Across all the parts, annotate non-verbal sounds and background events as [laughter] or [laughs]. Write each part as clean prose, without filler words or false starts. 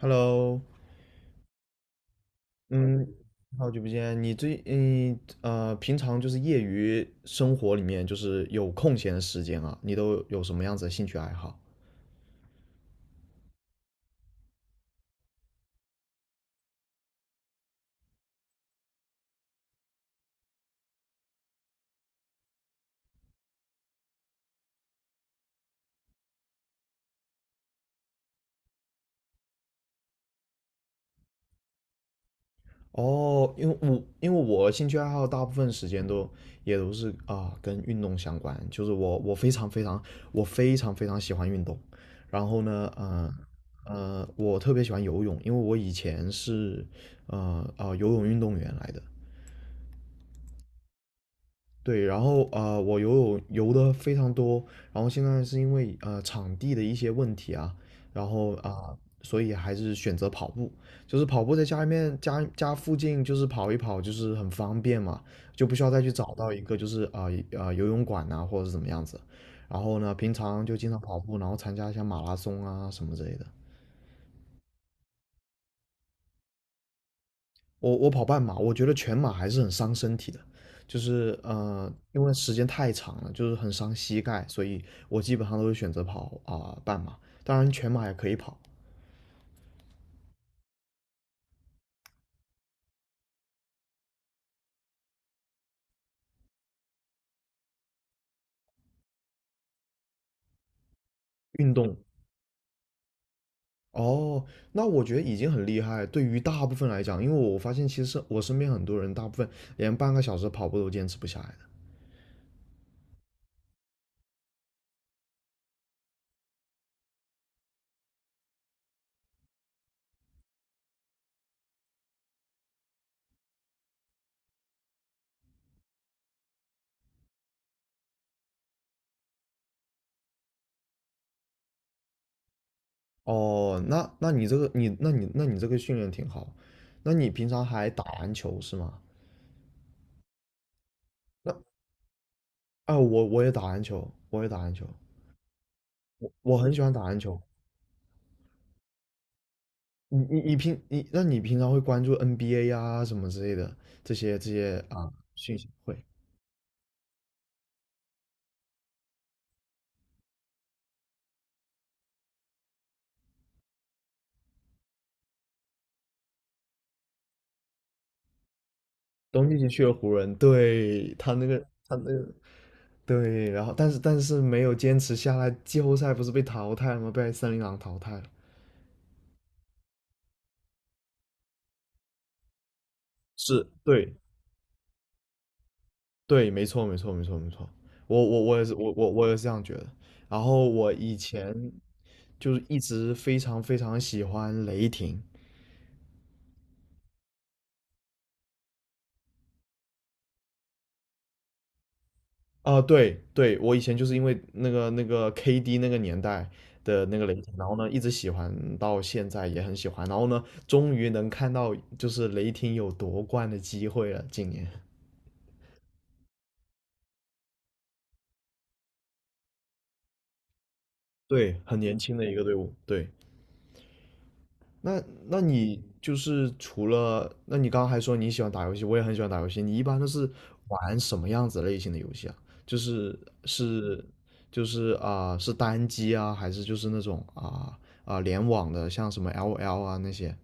Hello，嗯，好久不见。你最嗯呃，平常就是业余生活里面，就是有空闲的时间啊，你都有什么样子的兴趣爱好？哦，因为我兴趣爱好大部分时间都也都是啊跟运动相关，就是我非常非常喜欢运动。然后呢，我特别喜欢游泳，因为我以前是游泳运动员来的。对，然后我游泳游的非常多，然后现在是因为场地的一些问题啊，然后所以还是选择跑步，就是跑步在家里面家附近就是跑一跑，就是很方便嘛，就不需要再去找到一个就是游泳馆呐、或者是怎么样子，然后呢，平常就经常跑步，然后参加一下马拉松啊什么之类的。我跑半马，我觉得全马还是很伤身体的，就是因为时间太长了，就是很伤膝盖，所以我基本上都会选择跑半马。当然，全马也可以跑。运动。哦，那我觉得已经很厉害。对于大部分来讲，因为我发现其实我身边很多人，大部分连半个小时跑步都坚持不下来的。哦，那你这个训练挺好。那你平常还打篮球是吗？那，我也打篮球，我也打篮球，我很喜欢打篮球。你你你平你，那你平常会关注 NBA 啊什么之类的这些讯息？会。东契奇去了湖人，对。他那个他那个对，然后但是没有坚持下来，季后赛不是被淘汰了吗？被森林狼淘汰了。是，对对，没错没错没错没错，我也是这样觉得。然后我以前就是一直非常非常喜欢雷霆，对对，我以前就是因为那个 KD 那个年代的那个雷霆，然后呢一直喜欢到现在也很喜欢，然后呢终于能看到就是雷霆有夺冠的机会了，今年。对，很年轻的一个队伍，对。那那你就是除了，那你刚刚还说你喜欢打游戏，我也很喜欢打游戏。你一般都是玩什么样子类型的游戏啊？就是是是单机啊，还是就是那种联网的，像什么 LOL 啊那些？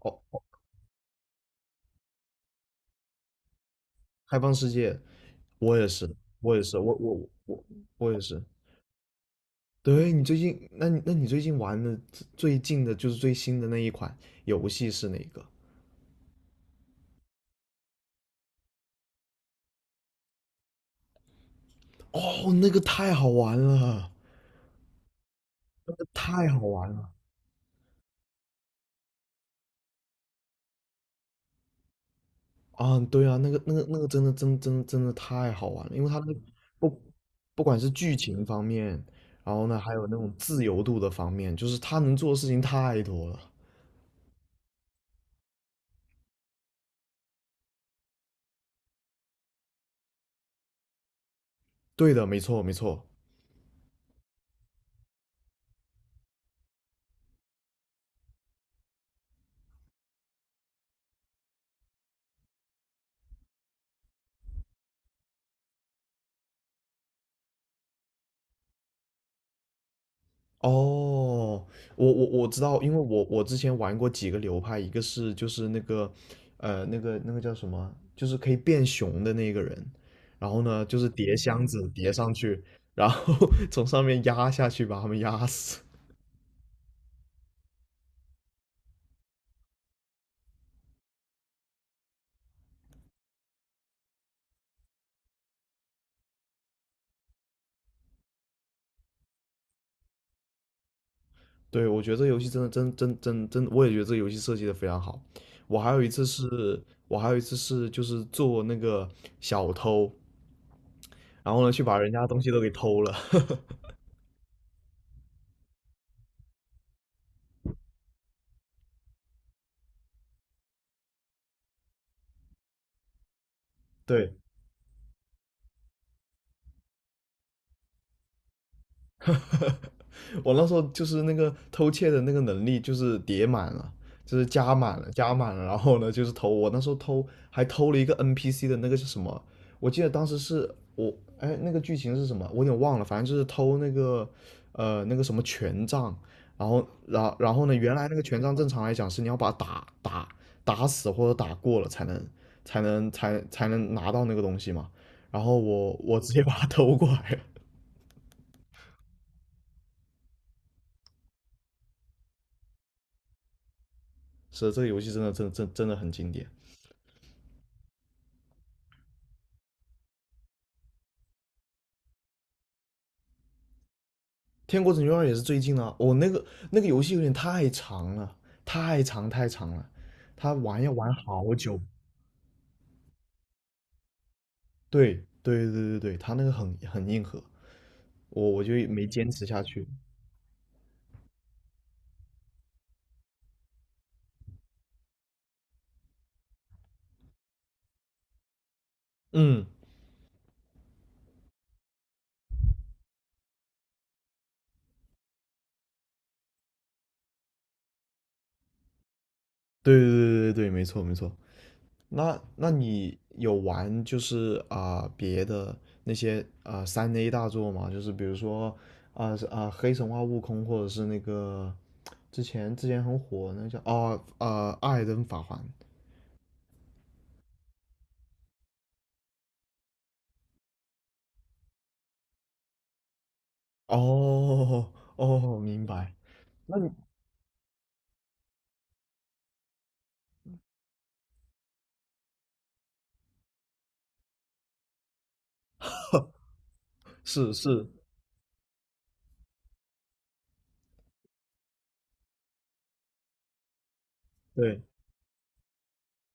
哦，开放世界，我也是，我也是，我也是。对，你最近，那你那你最近玩的最近的就是最新的那一款游戏是哪个？哦，那个太好玩了。那个太好玩了。啊，对啊，那个真的真的太好玩了，因为他那个不不管是剧情方面，然后呢还有那种自由度的方面，就是他能做的事情太多了。对的，没错没错。哦，我知道，因为我之前玩过几个流派，一个是就是那个那个叫什么，就是可以变熊的那个人，然后呢就是叠箱子叠上去，然后 [laughs] 从上面压下去把他们压死。对，我觉得这游戏真的真真真真，我也觉得这游戏设计的非常好。我还有一次是，我还有一次是就是做那个小偷，然后呢去把人家东西都给偷了。[laughs] 对，我那时候就是那个偷窃的那个能力就是叠满了，就是加满了，加满了。然后呢，就是偷，我那时候偷还偷了一个 NPC 的那个是什么？我记得当时是我哎，那个剧情是什么？我有点忘了，反正就是偷那个那个什么权杖，然后呢，原来那个权杖正常来讲是你要把它打死或者打过了才能拿到那个东西嘛。然后我直接把它偷过来了。[laughs] 是，这个游戏真的真的很经典。天国拯救二也是最近的哦，那个游戏有点太长了，太长太长了，他玩要玩好久。对对对对对，他那个很硬核，我就没坚持下去。嗯，对对对对对，没错没错。那你有玩就是别的那些3A 大作吗？就是比如说黑神话悟空，或者是那个之前很火那叫艾尔登法环。哦，哦，明白。那你是是，对，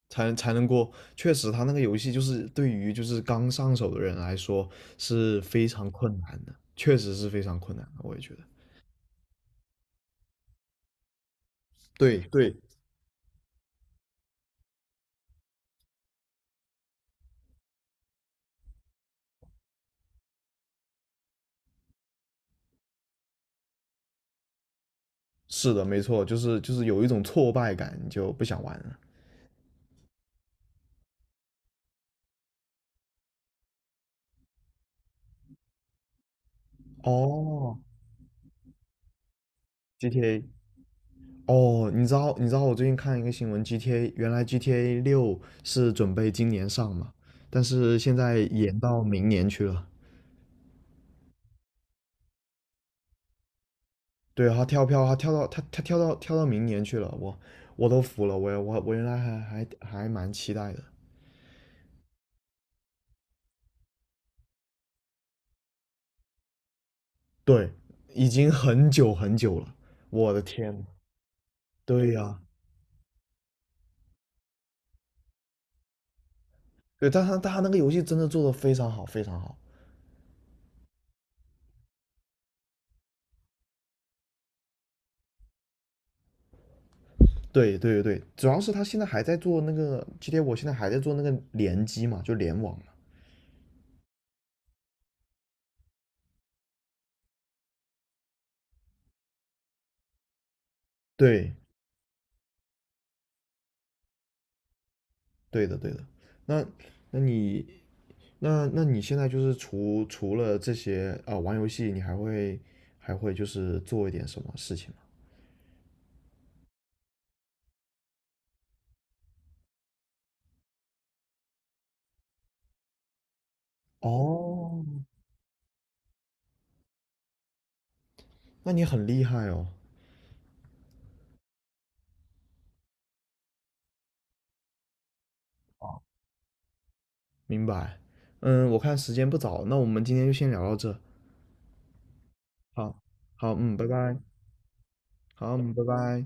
才能过。确实，他那个游戏就是对于就是刚上手的人来说是非常困难的，确实是非常困难的，我也觉得。对对，是的，没错，就是有一种挫败感，你就不想玩了。哦，GTA，哦，你知道我最近看一个新闻，GTA 原来 GTA6是准备今年上嘛，但是现在延到明年去了。对，他跳票，他跳到明年去了，我我都服了，我原来还蛮期待的，对，已经很久很久了，我的天，对呀、对，但他那个游戏真的做的非常好，非常好，对对对，主要是他现在还在做那个今天我现在还在做那个联机嘛，就联网嘛，对，对的对的。那那你那你现在就是除了这些玩游戏，你还会就是做一点什么事情？哦，那你很厉害哦，明白。嗯，我看时间不早，那我们今天就先聊到这。好，好，嗯，拜拜。好，嗯，拜拜。